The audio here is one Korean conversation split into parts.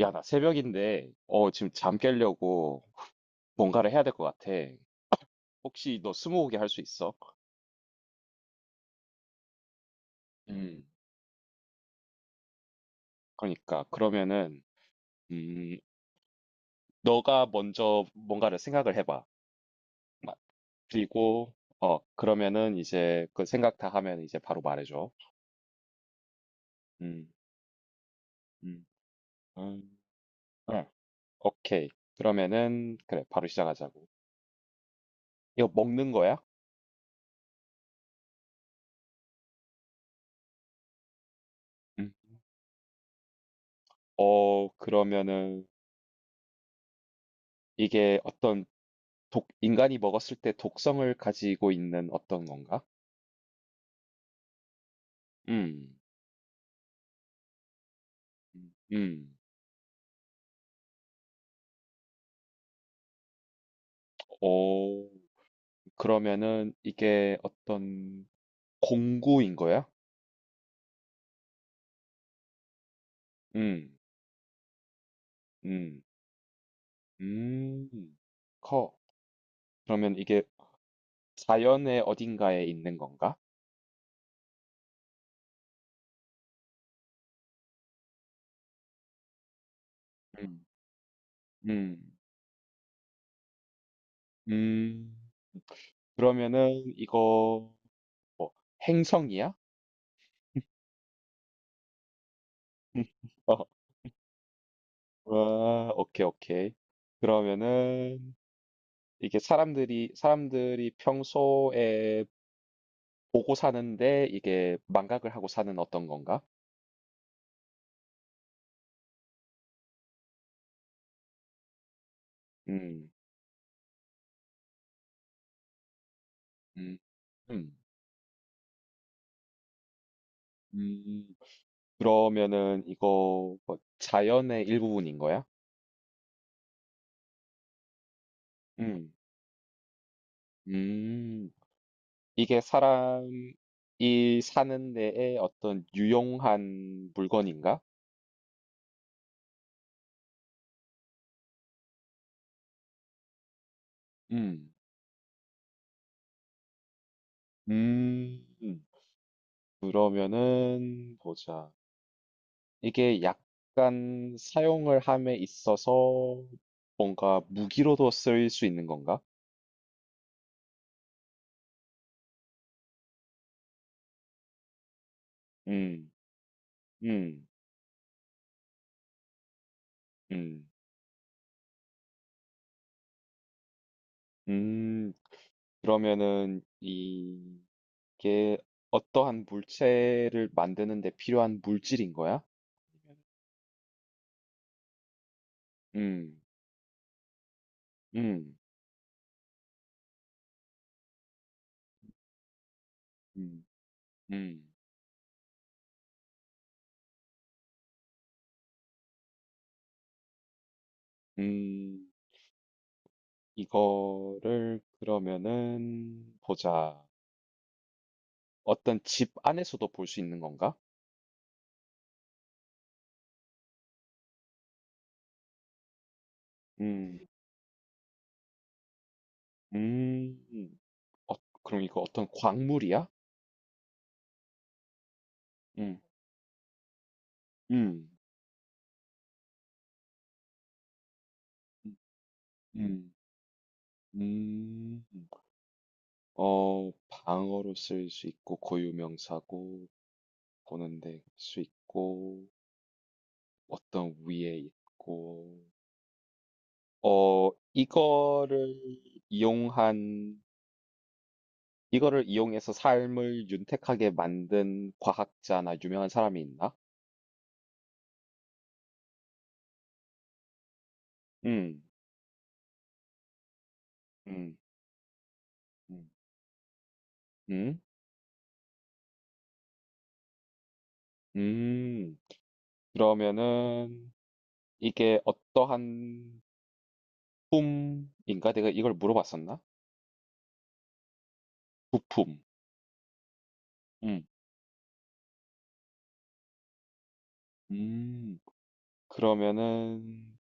야, 나 새벽인데, 지금 잠 깨려고 뭔가를 해야 될 것 같아. 혹시 너 스무고개 할 수 있어? 음, 그러니까, 그러면은, 음, 너가 먼저 뭔가를 생각을 해봐. 마- 그리고, 그러면은 이제 그 생각 다 하면 이제 바로 말해줘. 음, 음. 음, 응, 오케이. 그러면은, 그래, 바로 시작하자고. 이거 먹는 거야? 음. 그러면은 이게 어떤 독, 인간이 먹었을 때 독성을 가지고 있는 어떤 건가? 음. 음. 오. 그러면은 이게 어떤 공구인 거야? 음. 음. 음. 커. 그러면 이게 자연의 어딘가에 있는 건가? 음. 음. 음. 그러면은 이거 뭐 행성이야? 어. 와, 오케이, 오케이. 그러면은 이게 사람들이 평소에 보고 사는데 이게 망각을 하고 사는 어떤 건가? 음. 음. 음. 음. 그러면은 이거 뭐 자연의 일부분인 거야? 음. 음. 이게 사람이 사는 데에 어떤 유용한 물건인가? 음. 음. 음. 그러면은 보자. 이게 약간 사용을 함에 있어서 뭔가 무기로도 쓰일 수 있는 건가? 음. 음. 음. 음. 그러면은 이 이게 어떠한 물체를 만드는 데 필요한 물질인 거야? 음, 음, 음, 음, 음. 이거를 그러면은 보자. 어떤 집 안에서도 볼 수 있는 건가? 음, 음. 어, 그럼 이거 어떤 광물이야? 음, 음, 음, 음. 방어로 쓸 수 있고 고유명사고 보는 데 쓸 수 있고 어떤 위에 있고 이거를 이용한 이거를 이용해서 삶을 윤택하게 만든 과학자나 유명한 사람이 있나? 음, 음, 음, 음, 음. 그러면은 이게 어떠한 품인가? 내가 이걸 물어봤었나? 부품. 음, 음. 그러면은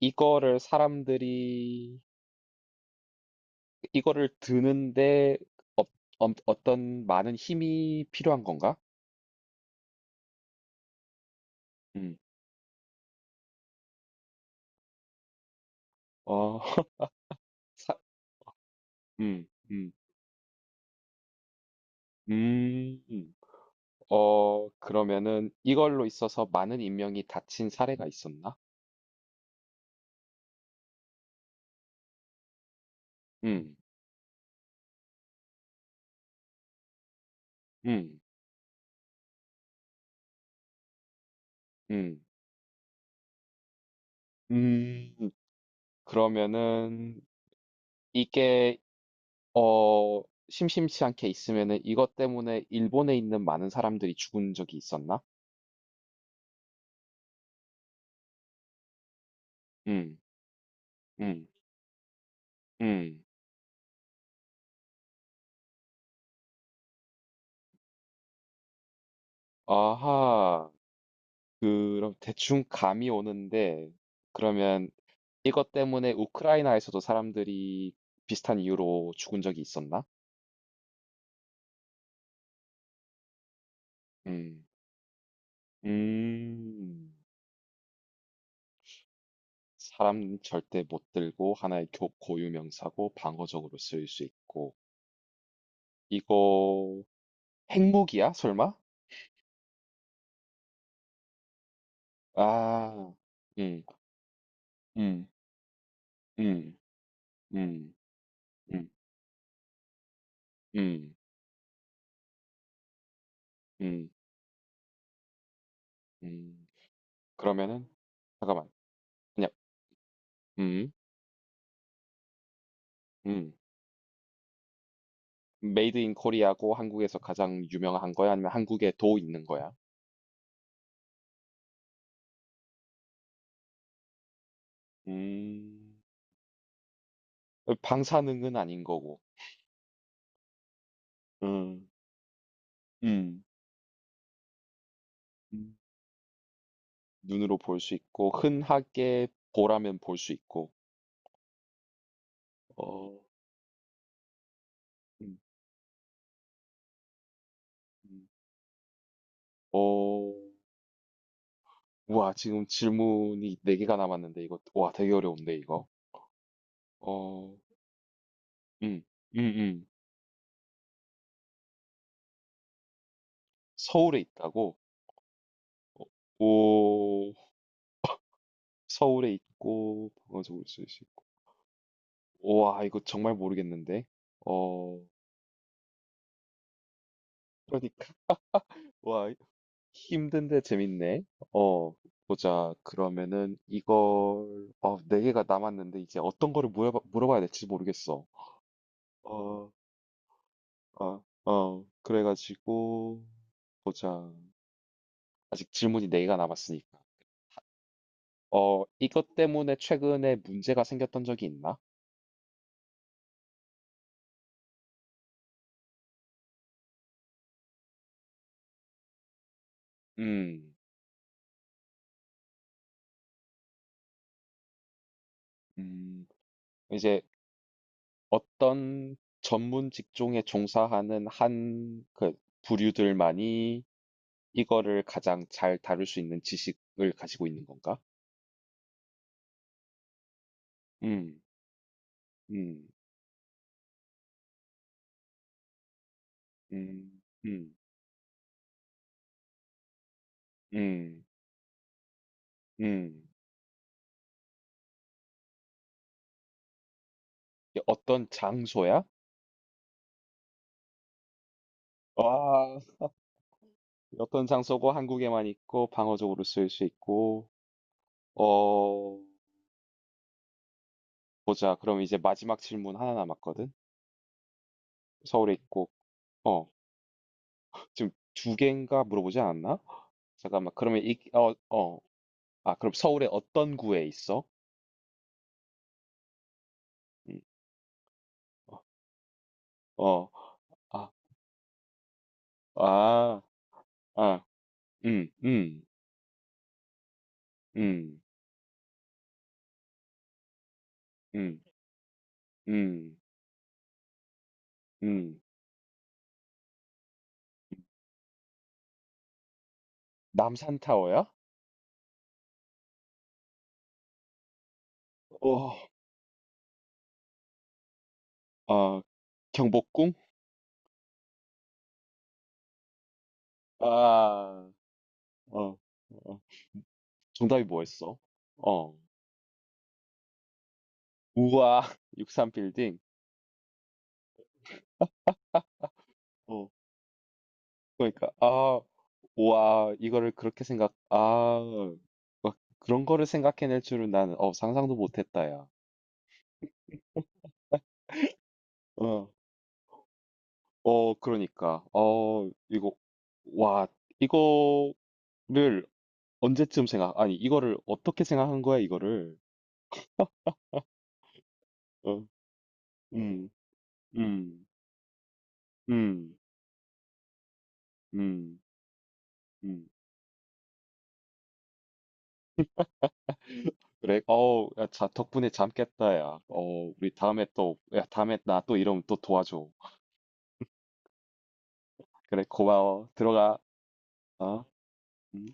이거를 사람들이 이거를 드는데 어, 어, 어떤 많은 힘이 필요한 건가? 음. 어, 사, 음, 음, 음. 음. 그러면은 이걸로 있어서 많은 인명이 다친 사례가 있었나? 음, 음, 음, 음. 그러면은 이게 어, 심심치 않게 있으면은 이것 때문에 일본에 있는 많은 사람들이 죽은 적이 있었나? 음, 음, 음. 아하. 그럼 대충 감이 오는데 그러면 이것 때문에 우크라이나에서도 사람들이 비슷한 이유로 죽은 적이 있었나? 음, 음, 사람 절대 못 들고 하나의 고유 명사고 방어적으로 쓰일 수 있고 이거 핵무기야? 설마? 아, 음, 음, 음, 음, 음, 음, 음, 음. 그러면은 잠깐만, 그냥 음, 음. 메이드 인 코리아고 한국에서 가장 유명한 거야? 아니면 한국에 도 있는 거야? 음, 방사능은 아닌 거고, 음, 음, 음, 눈으로 볼 수 있고, 흔하게 보라면 볼 수 있고, 어, 음, 음. 어, 와, 지금 질문이 네개가 남았는데, 이거, 와, 되게 어려운데, 이거. 어, 음, 음, 음. 서울에 있다고? 오, 서울에 있고, 방어적으로 쓸수 있고. 와, 이거 정말 모르겠는데. 어, 그러니까 와 힘든데 재밌네. 어 보자. 그러면은 이걸 어네 개가 남았는데 이제 어떤 거를 물어봐야 될지 모르겠어. 어, 그래가지고 보자. 아직 질문이 네 개가 남았으니까. 이것 때문에 최근에 문제가 생겼던 적이 있나? 음, 음 이제 어떤 전문 직종에 종사하는 한 그 부류들만이 이거를 가장 잘 다룰 수 있는 지식을 가지고 있는 건가? 음, 음, 음, 음, 음, 음. 어떤 장소야? 와, 어떤 장소고 한국에만 있고 방어적으로 쓸 수 있고, 어, 보자. 그럼 이제 마지막 질문 하나 남았거든? 서울에 있고, 어, 지금 두 개인가 물어보지 않았나? 잠깐만, 그러면 아, 그럼 서울의 어떤 구에 있어? 음, 어, 아, 아, 아, 음, 음, 음. 음, 음, 음. 남산타워야? 어, 아, 경복궁? 아, 어, 어. 정답이 뭐였어? 어, 우와, 6삼빌딩 어, 그러니까, 우와, 이거를 그렇게 막 그런 거를 생각해낼 줄은 나는, 상상도 못했다, 야. 어, 그러니까, 이거, 와, 이거를 언제쯤 아니, 이거를 어떻게 생각한 거야, 이거를? 어, 음. 음. 음. 음. 음. 그래? 어우 야 자 덕분에 잠 깼다 야. 우리 다음에 또 야 다음에 나 또 이러면 또 도와줘. 그래 고마워. 들어가. 어? 음.